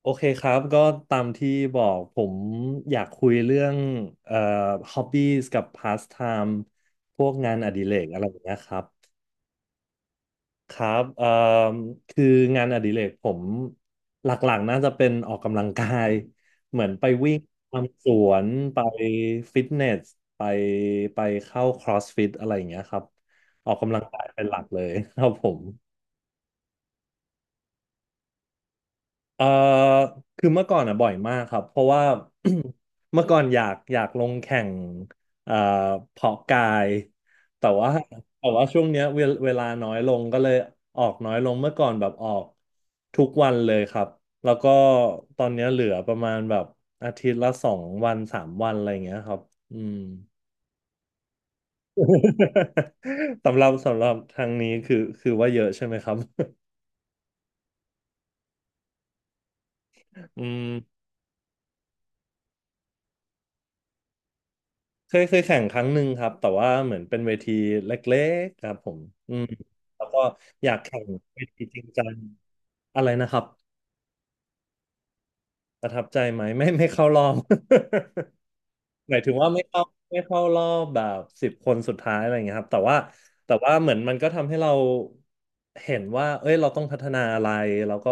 โอเคครับก็ตามที่บอกผมอยากคุยเรื่องเอ่อ hobbies กับ pastime พวกงานอดิเรกอะไรอย่างเงี้ยครับครับคืองานอดิเรกผมหลักๆน่าจะเป็นออกกำลังกาย เหมือนไปวิ่งตามสวนไปฟิตเนสไปไปเข้า CrossFit อะไรอย่างเงี้ยครับออกกำลังกายเป็นหลักเลยครับผม เอ่อคือเมื่อก่อนอ่ะบ่อยมากครับเพราะว่า เมื่อก่อนอยากลงแข่งเอ่อเพาะกายแต่ว่าแต่ว่าช่วงเนี้ยเวลาน้อยลงก็เลยออกน้อยลงเมื่อก่อนแบบออกทุกวันเลยครับแล้วก็ตอนเนี้ยเหลือประมาณแบบอาทิตย์ละสองวันสามวันอะไรอย่างเงี้ยครับอืม สำหรับทางนี้คือว่าเยอะใช่ไหมครับ อืม เคยแข่งครั้งหนึ่งครับแต่ว่าเหมือนเป็นเวทีเล็กๆครับผมอืมแล้วก็อยากแข่งเวทีจริงจังอะไรนะครับ ประทับใจไหมไม่เข้ารอบ หมายถึงว่าไม่เข้ารอบแบบสิบคนสุดท้ายอะไรอย่างเงี้ยครับแต่ว่าเหมือนมันก็ทำให้เราเห็นว่าเอ้ยเราต้องพัฒนาอะไรแล้วก็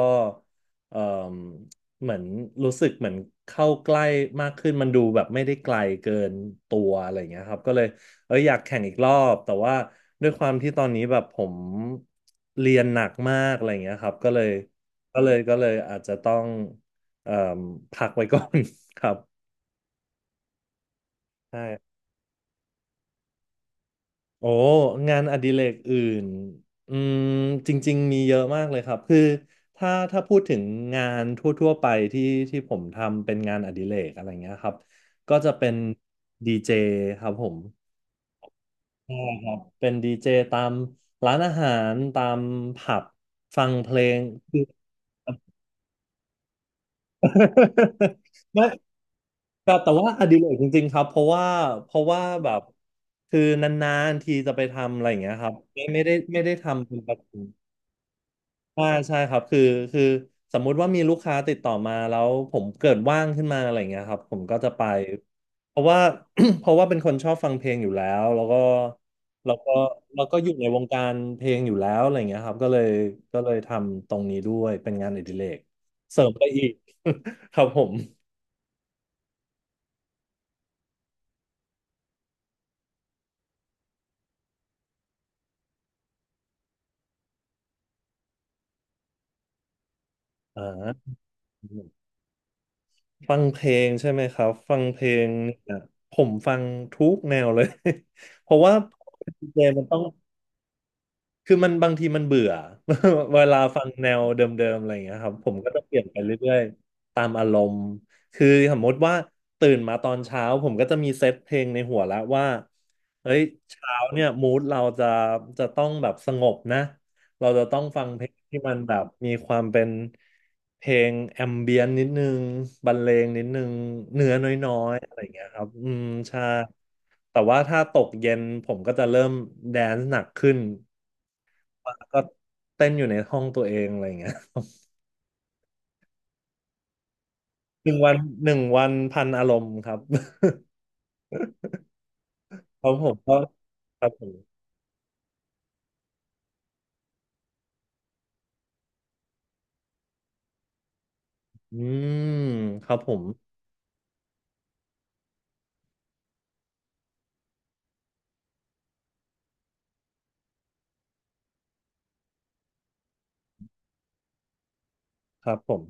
เอ่มเหมือนรู้สึกเหมือนเข้าใกล้มากขึ้นมันดูแบบไม่ได้ไกลเกินตัวอะไรอย่างเงี้ยครับก็เลยเอ้ยอยากแข่งอีกรอบแต่ว่าด้วยความที่ตอนนี้แบบผมเรียนหนักมากอะไรอย่างเงี้ยครับก็เลยอาจจะต้อง เอ่อพักไว้ก่อน ครับใช่โอ้งานอดิเรกอื่นอืมจริงๆมีเยอะมากเลยครับคือถ้าพูดถึงงานทั่วๆไปที่ที่ผมทำเป็นงานอดิเรกอะไรเงี้ยครับก็จะเป็นดีเจครับผมใช่ครับเป็นดีเจตามร้านอาหารตามผับฟังเพลงคือ ไม่ แต่ว่าอดิเรกจริงๆครับเพราะว่าแบบคือนานๆทีจะไปทำอะไรอย่างเงี้ยครับไม่ได้ทำเป็นประจำใช่าใช่ครับคือสมมุติว่ามีลูกค้าติดต่อมาแล้วผมเกิดว่างขึ้นมาอะไรอย่างเงี้ยครับผมก็จะไปเพราะว่า เพราะว่าเป็นคนชอบฟังเพลงอยู่แล้วแล้วก็แล้วก็อยู่ในวงการเพลงอยู่แล้วอะไรอย่างเงี้ยครับก็เลยทำตรงนี้ด้วยเป็นงานอดิเรกเสริมไปอีก ครับผมอ่า ฟังเพลงใช่ไหมครับฟังเพลงเนี่ยผมฟังทุกแนวเลย เพราะว่าดีเจมันต้อง คือมันบางทีมันเบื่อ เวลาฟังแนวเดิมๆอะไรอย่างเงี้ยครับผมก็จะเปลี่ยนไปเรื่อยๆตามอารมณ์คือสมมติว่าตื่นมาตอนเช้าผมก็จะมีเซตเพลงในหัวแล้วว่าเฮ้ยเช้าเนี่ยมูดเราจะจะต้องแบบสงบนะเราจะต้องฟังเพลงที่มันแบบมีความเป็นเพลงแอมเบียนนิดนึงบรรเลงนิดนึงเนื้อน้อยๆอะไรอย่างเงี้ยครับอืมใช่แต่ว่าถ้าตกเย็นผมก็จะเริ่มแดนซ์หนักขึ้น ก็เต้นอยู่ในห้องตัวเองอะไรอย่างเงี้ย หนึ่งวันหนึ่งวันพันอารมณ์ครับ ครับผมก็ครับผมอืมครับผมครับผม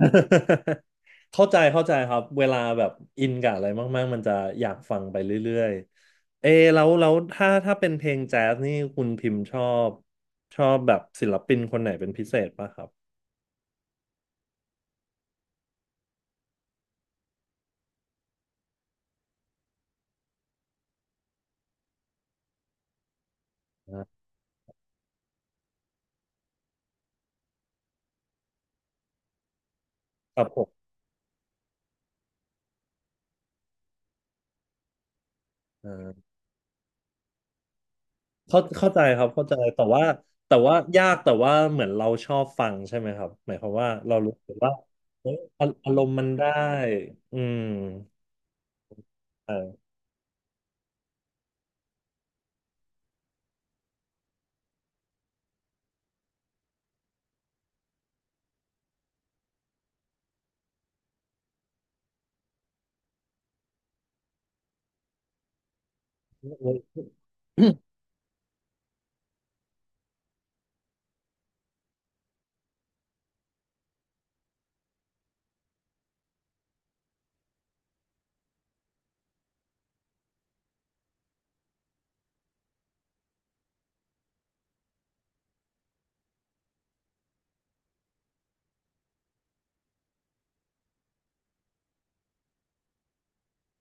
เข้าใจครับเวลาแบบอินกับอะไรมากๆมันจะอยากฟังไปเรื่อยๆเอแล้วถ้าเป็นเพลงแจ๊สนี่คุณพิมพ์บชอบแบบศิลปินคนไหนเป็นพิเศษป่ะครับอ่าครับผมอ่า เข้าใจครับเข้าใจแต่ว่าแต่ว่ายากแต่ว่าเหมือนเราชอบฟังใช่ไหมครับหมายความว่าเรารู้สึกว่าเอ้ยอาอารมณ์มันได้อืมอ่า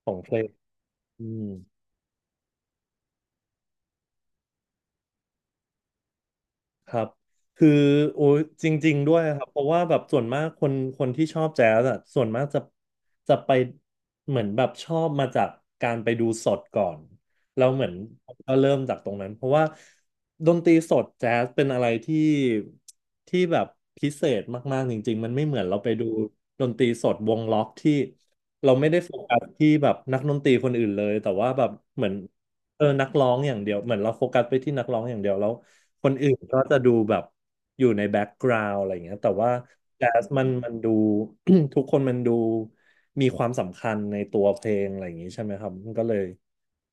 ของเพลงอืม ครับคือโอ้ยจริงๆด้วยครับเพราะว่าแบบส่วนมากคนที่ชอบแจ๊สอะส่วนมากจะไปเหมือนแบบชอบมาจากการไปดูสดก่อนแล้วเหมือนก็เริ่มจากตรงนั้นเพราะว่าดนตรีสดแจ๊สเป็นอะไรที่แบบพิเศษมากๆจริงๆมันไม่เหมือนเราไปดูดนตรีสดวงล็อกที่เราไม่ได้โฟกัสที่แบบนักดนตรีคนอื่นเลยแต่ว่าแบบเหมือนเออนักร้องอย่างเดียวเหมือนเราโฟกัสไปที่นักร้องอย่างเดียวแล้ว คนอื่นก็จะดูแบบอยู่ในแบ็กกราว n ์อะไรอย่างเงี้ยแต่ว่าแจ๊สมันดู ทุกคนมันดูมีความสำคัญในตัวเพลงอะไรอย่างงี้ใช่ไหมครับมันก็เลย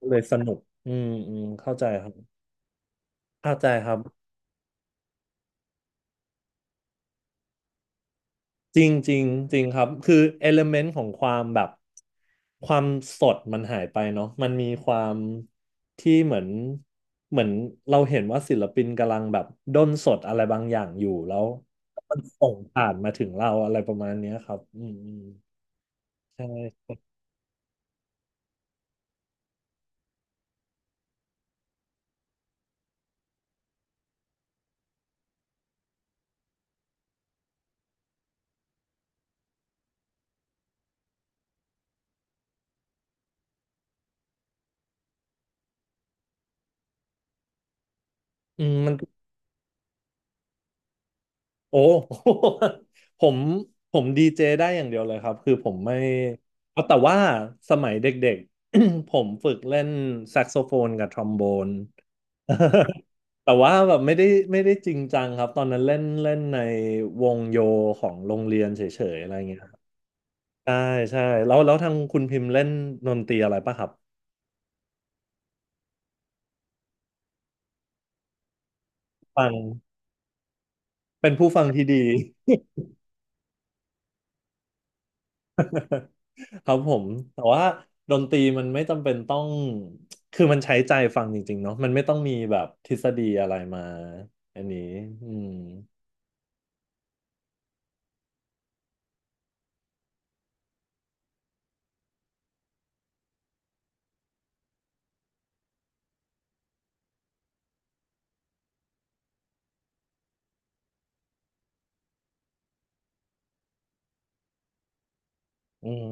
ก็เลยสนุกอืมอืมเข้าใจครับเข้าใจครับ จริงจริงจริงครับคือเอลเมนต์ของความแบบความสดมันหายไปเนาะมันมีความที่เหมือนเราเห็นว่าศิลปินกำลังแบบด้นสดอะไรบางอย่างอยู่แล้วมันส่งผ่านมาถึงเราอะไรประมาณเนี้ยครับอืมอืมใช่มันโอ้ ผมผมดีเจได้อย่างเดียวเลยครับคือผมไม่เอาแต่ว่าสมัยเด็กๆ ผมฝึกเล่นแซกโซโฟนกับทรอมโบน แต่ว่าแบบไม่ได้จริงจังครับตอนนั้นเล่นเล่นในวงโยของโรงเรียนเฉยๆอะไรเงี้ยครับใช่ใช่แล้วทางคุณพิมพ์เล่นดนตรีอะไรปะครับฟังเป็นผู้ฟังที่ดี ครับผมแต่ว่าดนตรีมันไม่จำเป็นต้องคือมันใช้ใจฟังจริงๆเนาะมันไม่ต้องมีแบบทฤษฎีอะไรมาอันนี้อืม อืม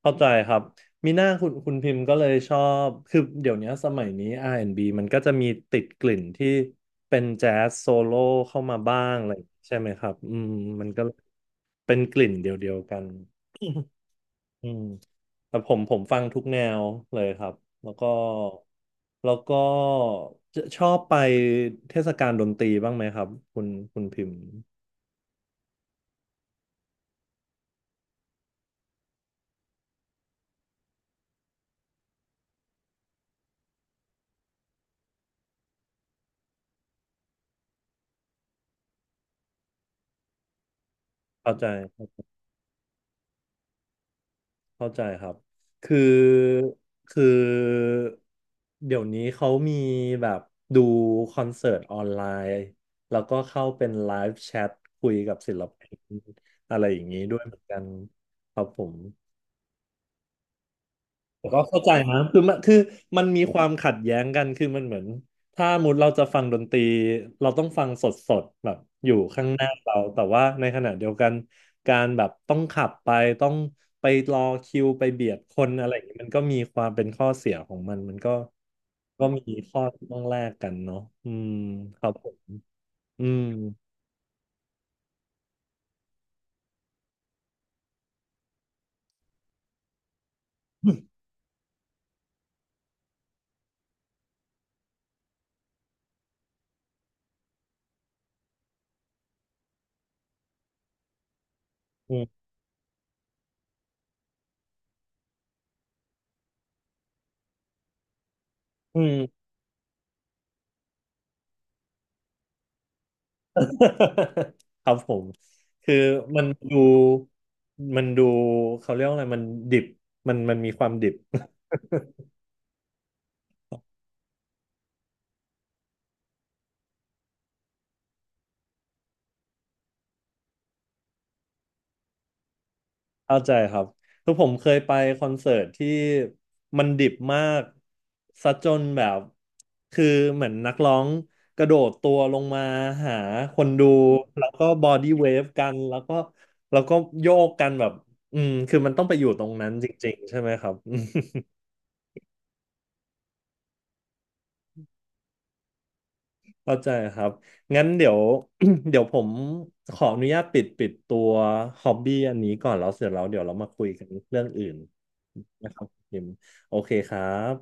เข้าใจครับมีหน้าคุณพิมพ์ก็เลยชอบคือเดี๋ยวนี้สมัยนี้ R&B มันก็จะมีติดกลิ่นที่เป็นแจ๊สโซโล่เข้ามาบ้างอะไรอย่างงี้ใช่ไหมครับอืมมันก็เป็นกลิ่นเดียวๆกันอืมแต่ผมฟังทุกแนวเลยครับแล้วก็แล้วก็จะชอบไปเทศกาลดนตรีบ้างไหมครับคุณพิมพ์เข้าใจ เข้าใจครับคือคือ เดี๋ยวนี้เขามีแบบดูคอนเสิร์ตออนไลน์ แล้วก็เข้าเป็นไลฟ์แชทคุยกับศิลปินอะไรอย่างนี้ด้วยเหมือนกันครับผม แต่ก็เข้าใจนะคือมันมีความขัดแย้งกันคือมันเหมือนถ้ามุดเราจะฟังดนตรีเราต้องฟังสดสดแบบอยู่ข้างหน้าเราแต่ว่าในขณะเดียวกันการแบบต้องขับไปต้องไปรอคิวไปเบียดคนอะไรอย่างนี้มันก็มีความเป็นข้อเสียของมันก็มีข้อที่ต้องแลกกันเนาะอืมครับผมอืมอืมอืม ครับผมคือมันดูมันดูเขาเรียกว่าอะไรมันดิบมันมีความดิบ เข้าใจครับคือผมเคยไปคอนเสิร์ตที่มันดิบมากซะจนแบบคือเหมือนนักร้องกระโดดตัวลงมาหาคนดูแล้วก็บอดี้เวฟกันแล้วก็โยกกันแบบอืมคือมันต้องไปอยู่ตรงนั้นจริงๆใช่ไหมครับ เข้าใจครับ งั้นเดี๋ยว เดี๋ยวผมขออนุญาตปิดตัวฮอบบี้อันนี้ก่อนแล้วเสร็จแล้วเดี๋ยวเรามาคุยกันเรื่องอื่นนะครับพิมโอเคครับ